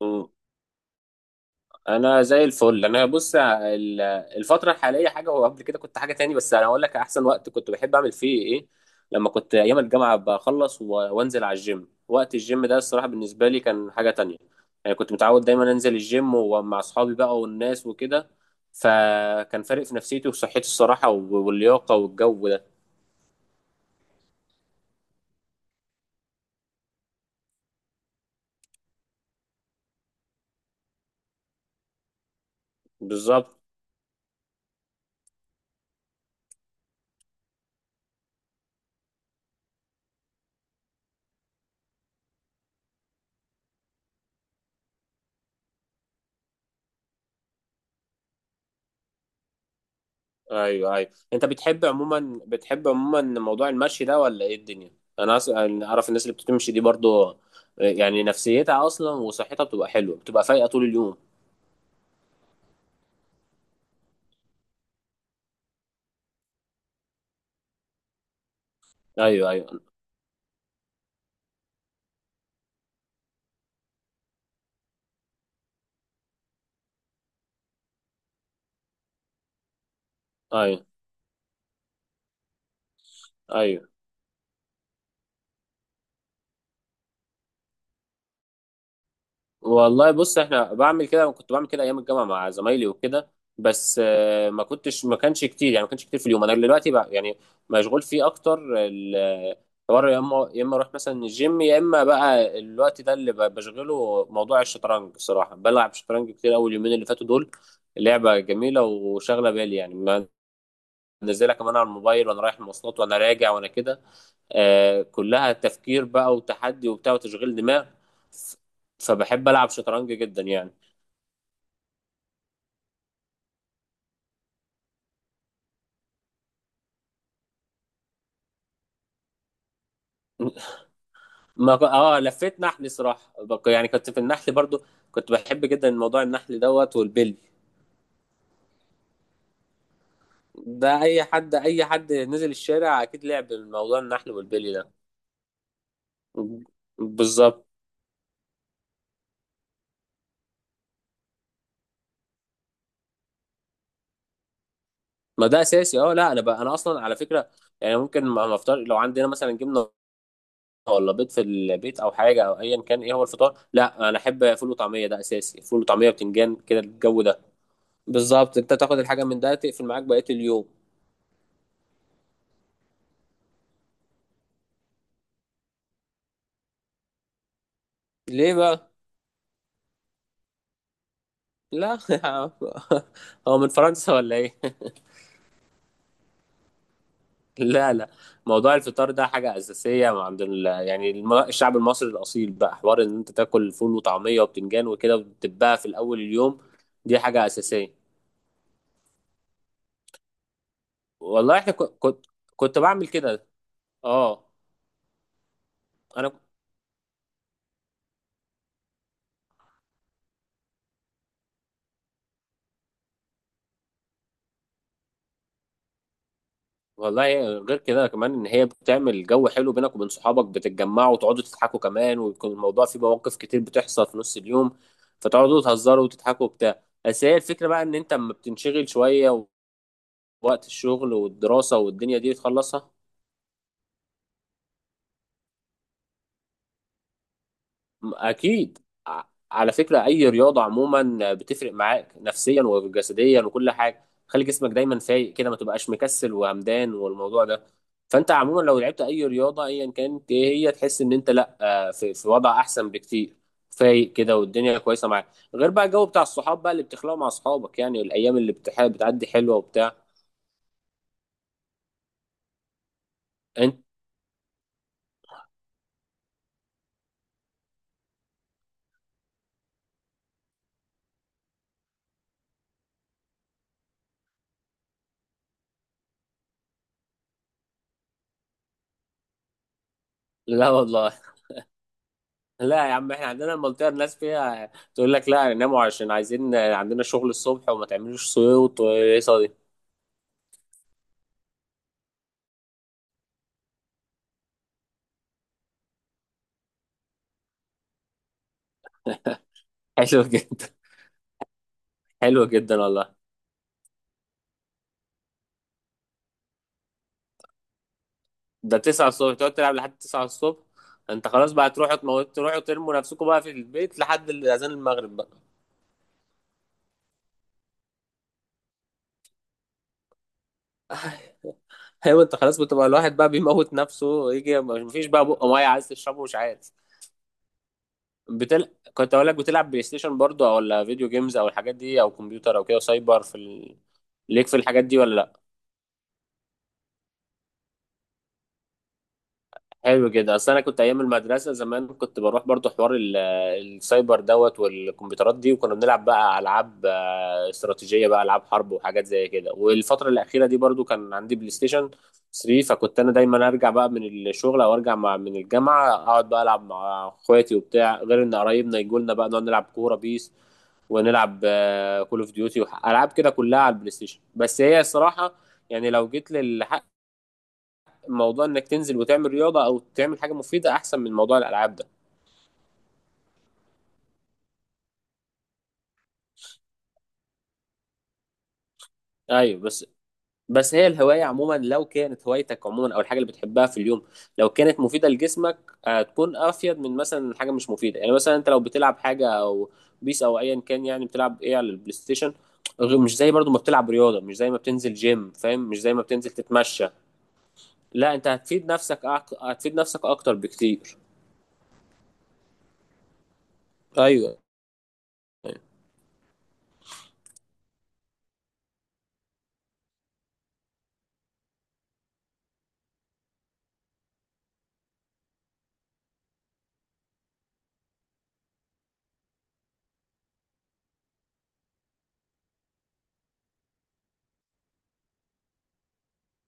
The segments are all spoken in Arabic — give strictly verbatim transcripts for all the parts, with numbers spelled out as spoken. مم. انا زي الفل. انا بص ال- الفتره الحاليه حاجه، وقبل كده كنت حاجه تاني، بس انا هقول لك احسن وقت كنت بحب اعمل فيه ايه. لما كنت ايام الجامعه بخلص و- وانزل على الجيم، وقت الجيم ده الصراحه بالنسبه لي كان حاجه تانية. يعني كنت متعود دايما انزل الجيم، ومع اصحابي بقى والناس وكده، فكان فارق في نفسيتي وصحتي الصراحه و- واللياقه والجو ده. بالظبط. ايوه، ايوه، انت بتحب عموما بتحب عموما موضوع المشي ده ولا ايه الدنيا؟ انا أص... أنا اعرف الناس اللي بتمشي دي برضو، يعني نفسيتها اصلا وصحتها بتبقى حلوه، بتبقى فايقه طول اليوم. ايوه، ايوه، ايوه، ايوه. والله بص، احنا بعمل كده، كنت بعمل كده ايام الجامعه مع زمايلي وكده، بس آه، ما كنتش ما كانش كتير، يعني ما كانش كتير في اليوم. انا دلوقتي بقى يعني مشغول فيه اكتر. ال- الحوار يا اما يا اما اروح مثلا الجيم، يا اما بقى الوقت ده اللي ب- بشغله موضوع الشطرنج. صراحه بلعب شطرنج كتير اول يومين اللي فاتوا دول. لعبه جميله وشاغله بالي يعني. ما- منزلها كمان على الموبايل، وانا رايح المواصلات وانا راجع وانا كده. آه، كلها تفكير بقى وتحدي وبتاع وتشغيل دماغ. ف- فبحب العب شطرنج جدا يعني. ما ك- اه، لفيت نحل صراحه، بق- يعني كنت في النحل برضو. كنت بحب جدا موضوع النحل دوت والبلي. ده اي حد اي حد نزل الشارع اكيد لعب موضوع النحل والبلي ده. بالظبط. ما ده اساسي. اه، لا، انا بقى انا اصلا على فكره يعني، ممكن ما ما افطر لو عندنا مثلا جبنه ولا بيض في البيت او حاجه او ايا كان. ايه هو الفطار؟ لا، انا احب فول وطعميه ده اساسي، فول وطعميه وبتنجان كده الجو ده. بالظبط. انت تاخد الحاجه من ده تقفل معاك بقيه اليوم. ليه بقى؟ لا. هو من فرنسا ولا ايه؟ لا، لا، موضوع الفطار ده حاجه اساسيه عند ال... يعني الم- الشعب المصري الاصيل بقى، حوار ان انت تاكل فول وطعميه وبتنجان وكده وتبقى في الاول اليوم. دي حاجه اساسيه. والله احنا كنت كنت كنت بعمل كده. اه. انا. والله غير كده كمان، ان هي بتعمل جو حلو بينك وبين صحابك، بتتجمعوا وتقعدوا تضحكوا كمان، ويكون الموضوع فيه مواقف كتير بتحصل في نص اليوم، فتقعدوا تهزروا وتضحكوا وبتاع. بس هي الفكره بقى، ان انت اما بتنشغل شويه وقت الشغل والدراسه والدنيا دي تخلصها. اكيد. ع- على فكره، اي رياضه عموما بتفرق معاك نفسيا وجسديا وكل حاجه. خلي جسمك دايما فايق كده، ما تبقاش مكسل وهمدان والموضوع ده. فانت عموما لو لعبت اي رياضه ايا كانت ايه، هي تحس ان انت، لا، آه، في في وضع احسن بكتير، فايق كده والدنيا كويسه معاك. غير بقى الجو بتاع الصحاب بقى اللي بتخلقه مع اصحابك، يعني الايام اللي بتح- بتعدي حلوه وبتاع. انت. لا والله، لا يا عم، احنا عندنا المنطقة الناس فيها تقول لك لا، ناموا عشان عايزين عندنا شغل الصبح، وما تعملوش صوت، والقصة دي. حلوة جدا. حلوة جدا والله. ده تسعة الصبح تقعد تلعب لحد تسعة الصبح؟ انت خلاص بقى تروحوا تموتوا، تروحوا ترموا نفسكم بقى في البيت لحد اذان المغرب بقى. ايوه، انت خلاص بتبقى الواحد بقى بيموت نفسه، يجي مفيش بقى بق ميه عايز تشربه، مش عارف. بتل... كنت اقول لك، بتلعب بلاي ستيشن برضه، ولا فيديو جيمز او الحاجات دي، او كمبيوتر او كده سايبر؟ في ال... ليك في الحاجات دي ولا؟ حلو كده. اصل انا كنت ايام المدرسه زمان كنت بروح برضو، حوار ال- السايبر دوت والكمبيوترات دي، وكنا بنلعب بقى العاب آه، استراتيجيه بقى، العاب حرب وحاجات زي كده. والفتره الاخيره دي برضو كان عندي بلاي ستيشن ثري، فكنت انا دايما ارجع بقى من الشغل او ارجع مع من الجامعه، اقعد بقى العب مع اخواتي وبتاع، غير ان قرايبنا يجوا لنا بقى نقعد نلعب كوره بيس، ونلعب كول اوف ديوتي، العاب كده كلها على البلاي ستيشن. بس هي الصراحه يعني، لو جيت لل موضوع انك تنزل وتعمل رياضه او تعمل حاجه مفيده، احسن من موضوع الالعاب ده. ايوه. بس بس هي الهوايه عموما، لو كانت هوايتك عموما او الحاجه اللي بتحبها في اليوم، لو كانت مفيده لجسمك هتكون افيد من مثلا حاجه مش مفيده. يعني مثلا انت لو بتلعب حاجه او بيس او ايا كان، يعني بتلعب ايه على البلاي ستيشن؟ غ- مش زي برضو ما بتلعب رياضه، مش زي ما بتنزل جيم فاهم، مش زي ما بتنزل تتمشى. لا، انت هتفيد نفسك أك... هتفيد نفسك اكتر بكتير. ايوه.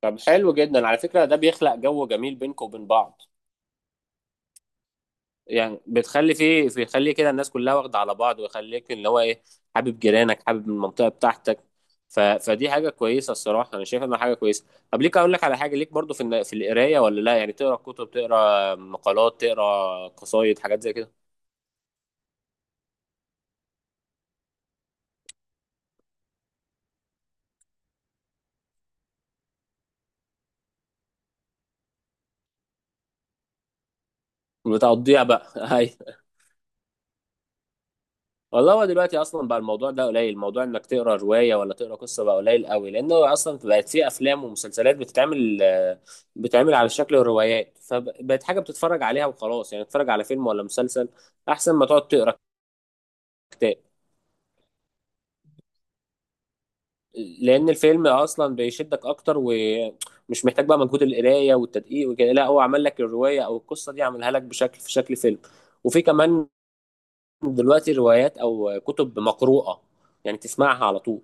طب حلو جدا على فكره، ده بيخلق جو جميل بينكم وبين بعض. يعني بتخلي فيه بيخلي كده الناس كلها واخده على بعض، ويخليك اللي هو ايه، حابب جيرانك، حابب المنطقه بتاعتك. ف... فدي حاجه كويسه. الصراحه انا شايف انها حاجه كويسه. طب ليك اقول لك على حاجه، ليك برضو في الن- في القرايه ولا لا؟ يعني تقرا كتب، تقرا مقالات، تقرا قصايد، حاجات زي كده. بتقضيها بقى. والله هو دلوقتي اصلا بقى الموضوع ده قليل، موضوع انك تقرا روايه ولا تقرا قصه بقى قليل قوي، لانه اصلا بقت في افلام ومسلسلات بتتعمل آه، بتتعمل على شكل الروايات، فبقت حاجه بتتفرج عليها وخلاص. يعني تتفرج على فيلم ولا مسلسل، احسن ما تقعد تقرا كتاب. لان الفيلم اصلا بيشدك اكتر، ومش محتاج بقى مجهود القرايه والتدقيق وكده، لا هو عمل لك الروايه او القصه دي، عملها لك بشكل في شكل فيلم. وفي كمان دلوقتي روايات او كتب مقروءه، يعني تسمعها على طول.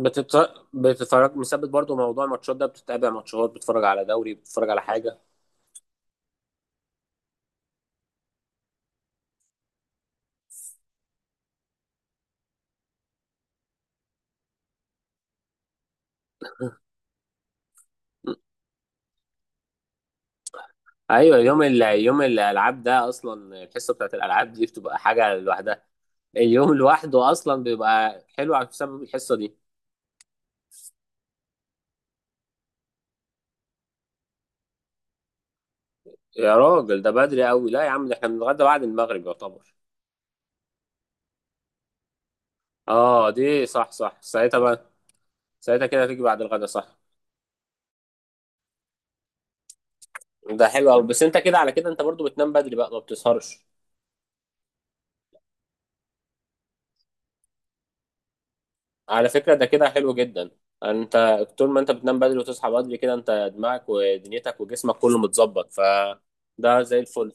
بتت... بتتفرج مثبت برضو موضوع الماتشات ده؟ بتتابع ماتشات، بتتفرج على دوري، بتتفرج على حاجة. م. ايوه. يوم ال... يوم الالعاب ده اصلا، الحصة بتاعت الالعاب دي بتبقى حاجة لوحدها. اليوم لوحده اصلا بيبقى حلو على بسبب الحصة دي. يا راجل ده بدري قوي، لا يا عم، ده احنا بنتغدى بعد المغرب يعتبر. اه، دي صح، صح، ساعتها بقى. ساعتها كده هتيجي بعد الغدا، صح؟ ده حلو قوي، بس انت كده على كده انت برضو بتنام بدري بقى، ما بتسهرش. على فكرة ده كده حلو جدا. انت طول ما انت بتنام بدري وتصحى بدري كده، انت دماغك ودنيتك وجسمك كله متظبط، فده زي الفل.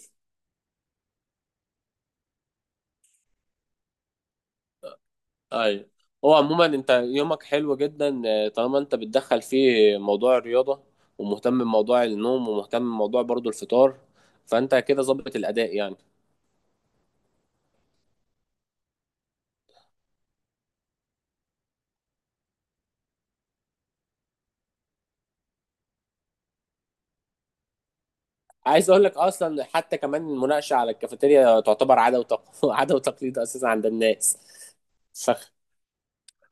ايوه. هو عموما انت يومك حلو جدا، آه، طالما انت بتدخل فيه موضوع الرياضة، ومهتم بموضوع النوم، ومهتم بموضوع برضو الفطار، فانت كده ظبط الاداء يعني. عايز اقول لك اصلا حتى كمان المناقشة على الكافيتيريا تعتبر عادة وتق... عادة وتقليد اساسا عند الناس. فخ...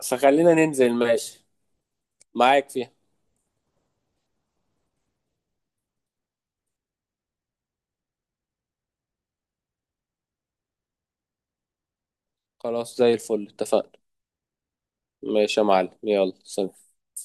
فخلينا ننزل ماشي. معاك فيها. خلاص، زي الفل، اتفقنا. ماشي يا معلم، يلا سلام.